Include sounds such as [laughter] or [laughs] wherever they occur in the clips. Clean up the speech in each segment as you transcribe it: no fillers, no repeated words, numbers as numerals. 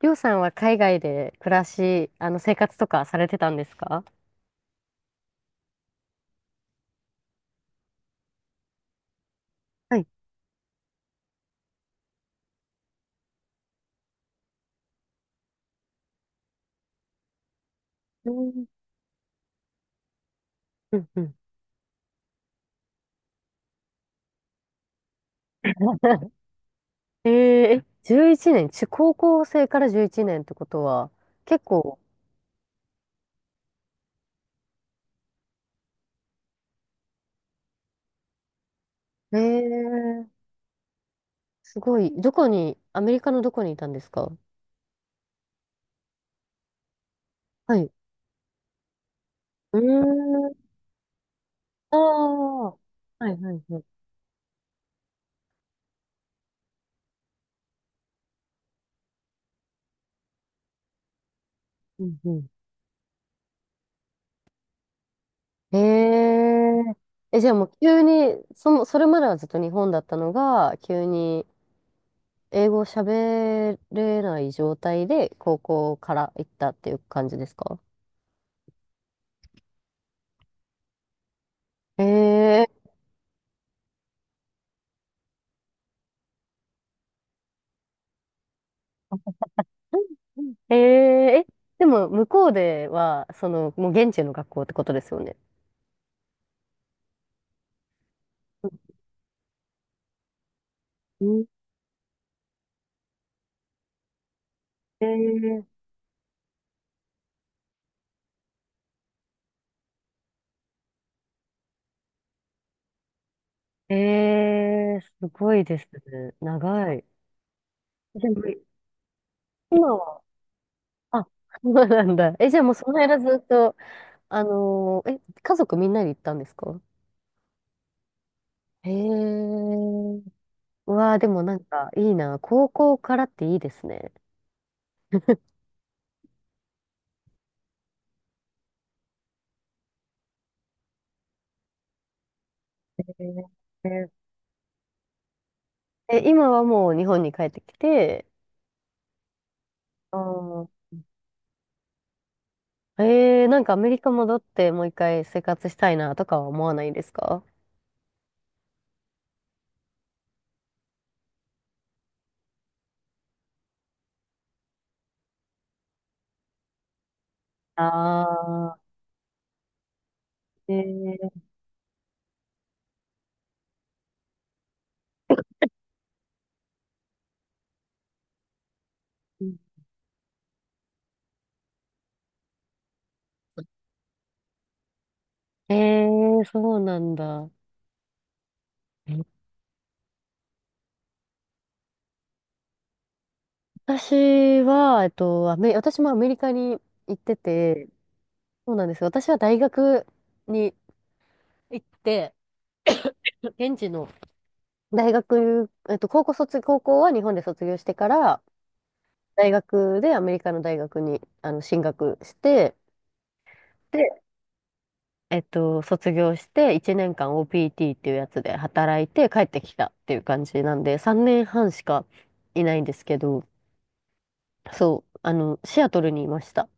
りょうさんは海外で暮らし、生活とかされてたんですか？はい。うん。うんうん。[laughs] えー、え、11年、高校生から11年ってことは、結構、えー、すごい、どこに、アメリカのどこにいたんですか？はい。うーん、ああ、はいはいはい。うんうん。へえー、え、じゃあもう急に、それまではずっと日本だったのが、急に英語を喋れない状態で高校から行ったっていう感じですか？ええ、うん、えー、え、でも向こうでは、もう現地の学校ってことですよね。うん、えー、えー、すごいですね。長い。でも、今は、あ、そうなんだ。え、じゃあもうその間ずっと、あのーえ、家族みんなで行ったんですか？へえ。うわあ、でもなんかいいな。高校からっていいですね。えー、え、今はもう日本に帰ってきて、あー、えー、なんかアメリカ戻ってもう一回生活したいなとかは思わないですか？ああー、えー、えー、そうなんだ。私は、私もアメリカに行ってて、そうなんですよ。私は大学に行って、現地の大学、えっと、高校は日本で卒業してから、大学でアメリカの大学に進学して、で、卒業して1年間 OPT っていうやつで働いて帰ってきたっていう感じなんで、3年半しかいないんですけど、そう、シアトルにいました。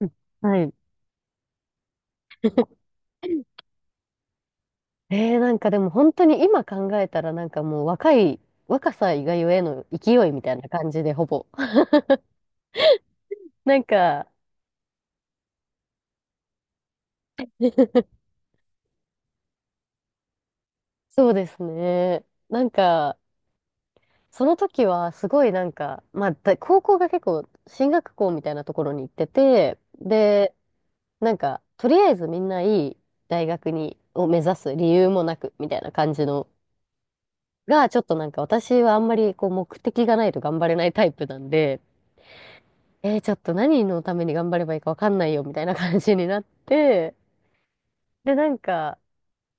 うん、はい。えー、なんかでも本当に今考えたらなんかもう若い、若さ以外への勢いみたいな感じでほぼ。[laughs] なんか、そうですね。なんか、その時はすごいなんか、まあ、だ高校が結構進学校みたいなところに行ってて、で、なんか、とりあえずみんないい大学を目指す理由もなく、みたいな感じの、が、ちょっとなんか私はあんまりこう目的がないと頑張れないタイプなんで、えー、ちょっと何のために頑張ればいいかわかんないよ、みたいな感じになって、で、なんか、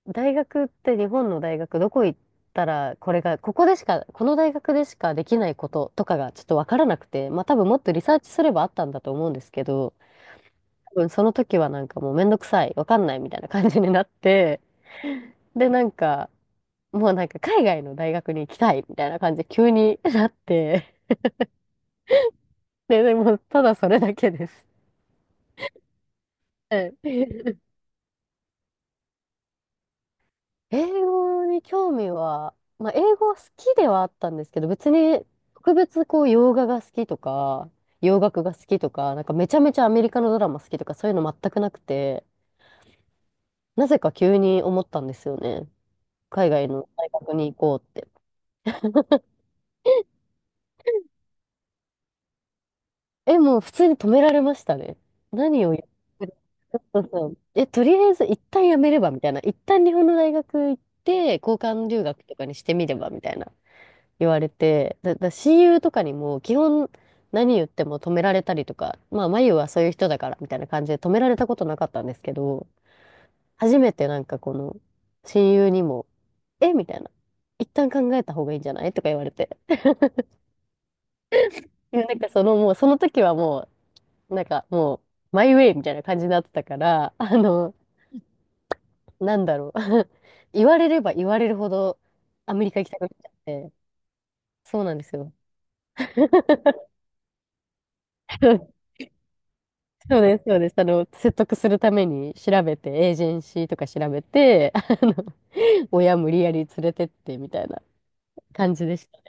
大学って日本の大学どこ行ったら、これが、この大学でしかできないこととかがちょっとわからなくて、まあ多分もっとリサーチすればあったんだと思うんですけど、多分その時はなんかもうめんどくさい、わかんないみたいな感じになって、で、なんか、もうなんか海外の大学に行きたいみたいな感じで急になって、[laughs] で、でもただそれだけです。はい。 [laughs] 英語に興味は、まあ英語は好きではあったんですけど、別に特別こう洋画が好きとか、洋楽が好きとか、なんかめちゃめちゃアメリカのドラマ好きとかそういうの全くなくて、なぜか急に思ったんですよね。海外の大学に行こうって。え、もう普通に止められましたね。何を言ってる。そうそう。え、とりあえず一旦やめればみたいな。一旦日本の大学行って、交換留学とかにしてみればみたいな言われて、だ親友とかにも基本何言っても止められたりとか、まあ、まゆはそういう人だからみたいな感じで止められたことなかったんですけど、初めてなんかこの親友にも、えみたいな。一旦考えた方がいいんじゃないとか言われて。いや、なんかそのもう、その時はもう、なんかもう、マイウェイみたいな感じになってたから、[laughs] なんだろう。[laughs] 言われれば言われるほどアメリカ行きたくなっちゃって。そうなんですよ。[laughs] そうです、そうです。説得するために調べて、エージェンシーとか調べて、親無理やり連れてってみたいな感じでした。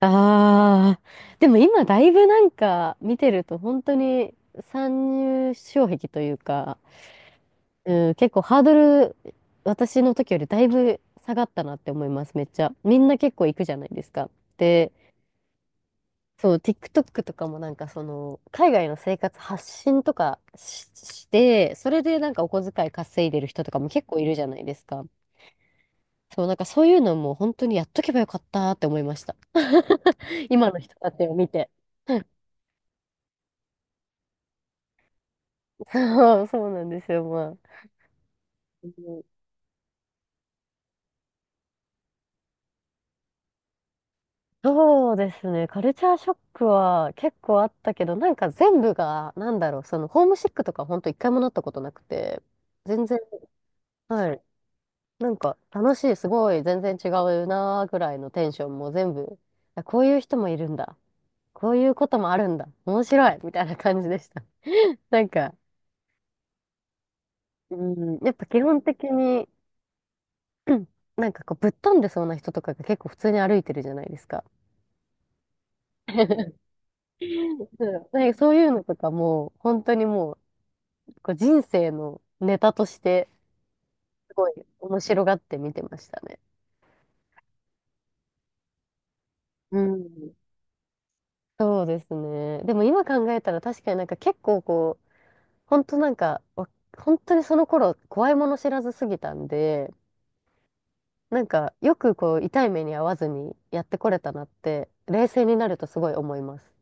ああ、でも今だいぶなんか見てると本当に参入障壁というか、うん、結構ハードル、私の時よりだいぶ下がったなって思います、めっちゃ。みんな結構行くじゃないですか。で、そう、TikTok とかもなんかその、海外の生活発信とかして、それでなんかお小遣い稼いでる人とかも結構いるじゃないですか。そう、なんかそういうのも本当にやっとけばよかったって思いました。今の人たちを見て。そう、そうなんですよ、まあ。うん、そうですね。カルチャーショックは結構あったけど、なんか全部が、なんだろう、その、ホームシックとか本当一回もなったことなくて、全然、はい。なんか楽しい、すごい、全然違うなーぐらいのテンションも全部、あこういう人もいるんだ。こういうこともあるんだ。面白いみたいな感じでした。[laughs] なんか、うん、やっぱ基本的に、[clears throat] なんかこう、ぶっ飛んでそうな人とかが結構普通に歩いてるじゃないですか。[laughs] そう、なんかそういうのとかも、本当にもう、こう人生のネタとして、すごい面白がって見てましたね。うん。そうですね。でも今考えたら確かになんか結構こう、本当なんか、わ本当にその頃怖いもの知らずすぎたんで、なんかよくこう痛い目に遭わずにやってこれたなって、冷静になるとすごい思います。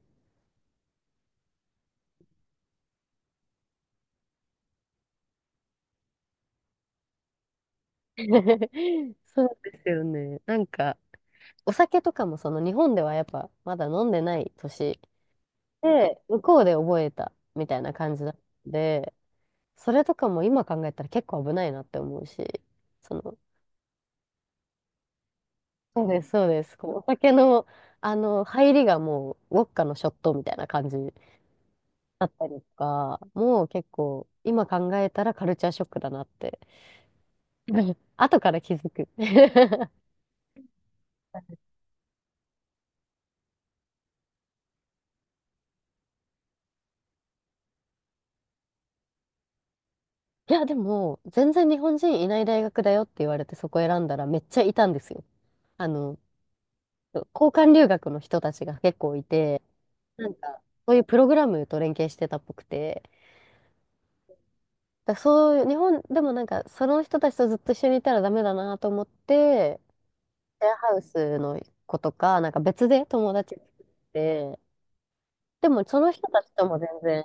[laughs] そうですよね。なんか、お酒とかもその日本ではやっぱまだ飲んでない年で、向こうで覚えたみたいな感じだったんで、それとかも今考えたら結構危ないなって思うし、その、そうです、そうです。こうお酒の、入りがもう、ウォッカのショットみたいな感じだったりとか、もう結構、今考えたらカルチャーショックだなって、[laughs] 後から気づく。[laughs] いや、でも、全然日本人いない大学だよって言われてそこ選んだらめっちゃいたんですよ。あの、交換留学の人たちが結構いて、なんか、そういうプログラムと連携してたっぽくて、だそういう、日本でもなんか、その人たちとずっと一緒にいたらダメだなと思って、シェアハウスの子とか、なんか別で友達作って、でもその人たちとも全然、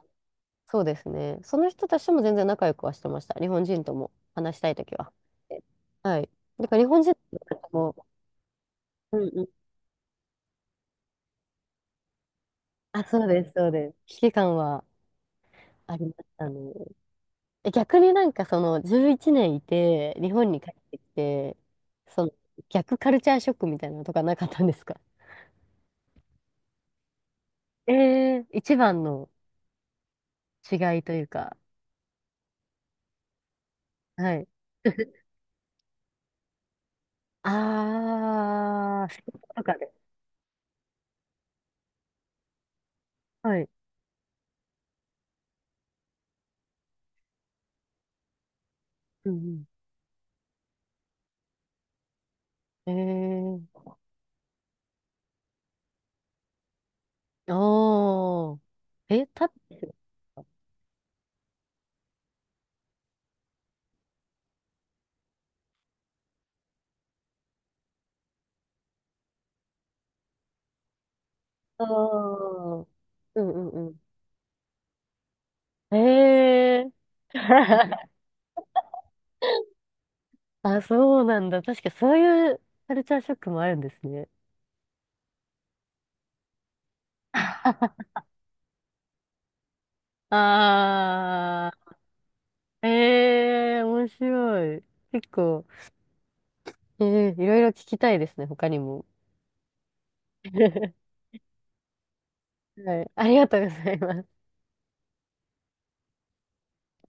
そうですね、その人たちとも全然仲良くはしてました。日本人とも話したいときは。で、はい。だから日本人とも、うんうん。あ、そうです、そうです。危機感はありましたね。え逆になんかその11年、いちねんいて、日本に帰ってきて、その逆カルチャーショックみたいなのとかなかったんですか？ええー、一番の違いというか、はい。[laughs] ああ、仕事とかで。はい。うんうん。ええー、おー。え、タッチ。ああ、うんうんうん。ええー。[laughs] あ、そうなんだ。確かそういうカルチャーショックもあるんですね。あ、ええー、面白い。結構、ええ、いろいろ聞きたいですね、他にも。[laughs] はい、ありがとうございます。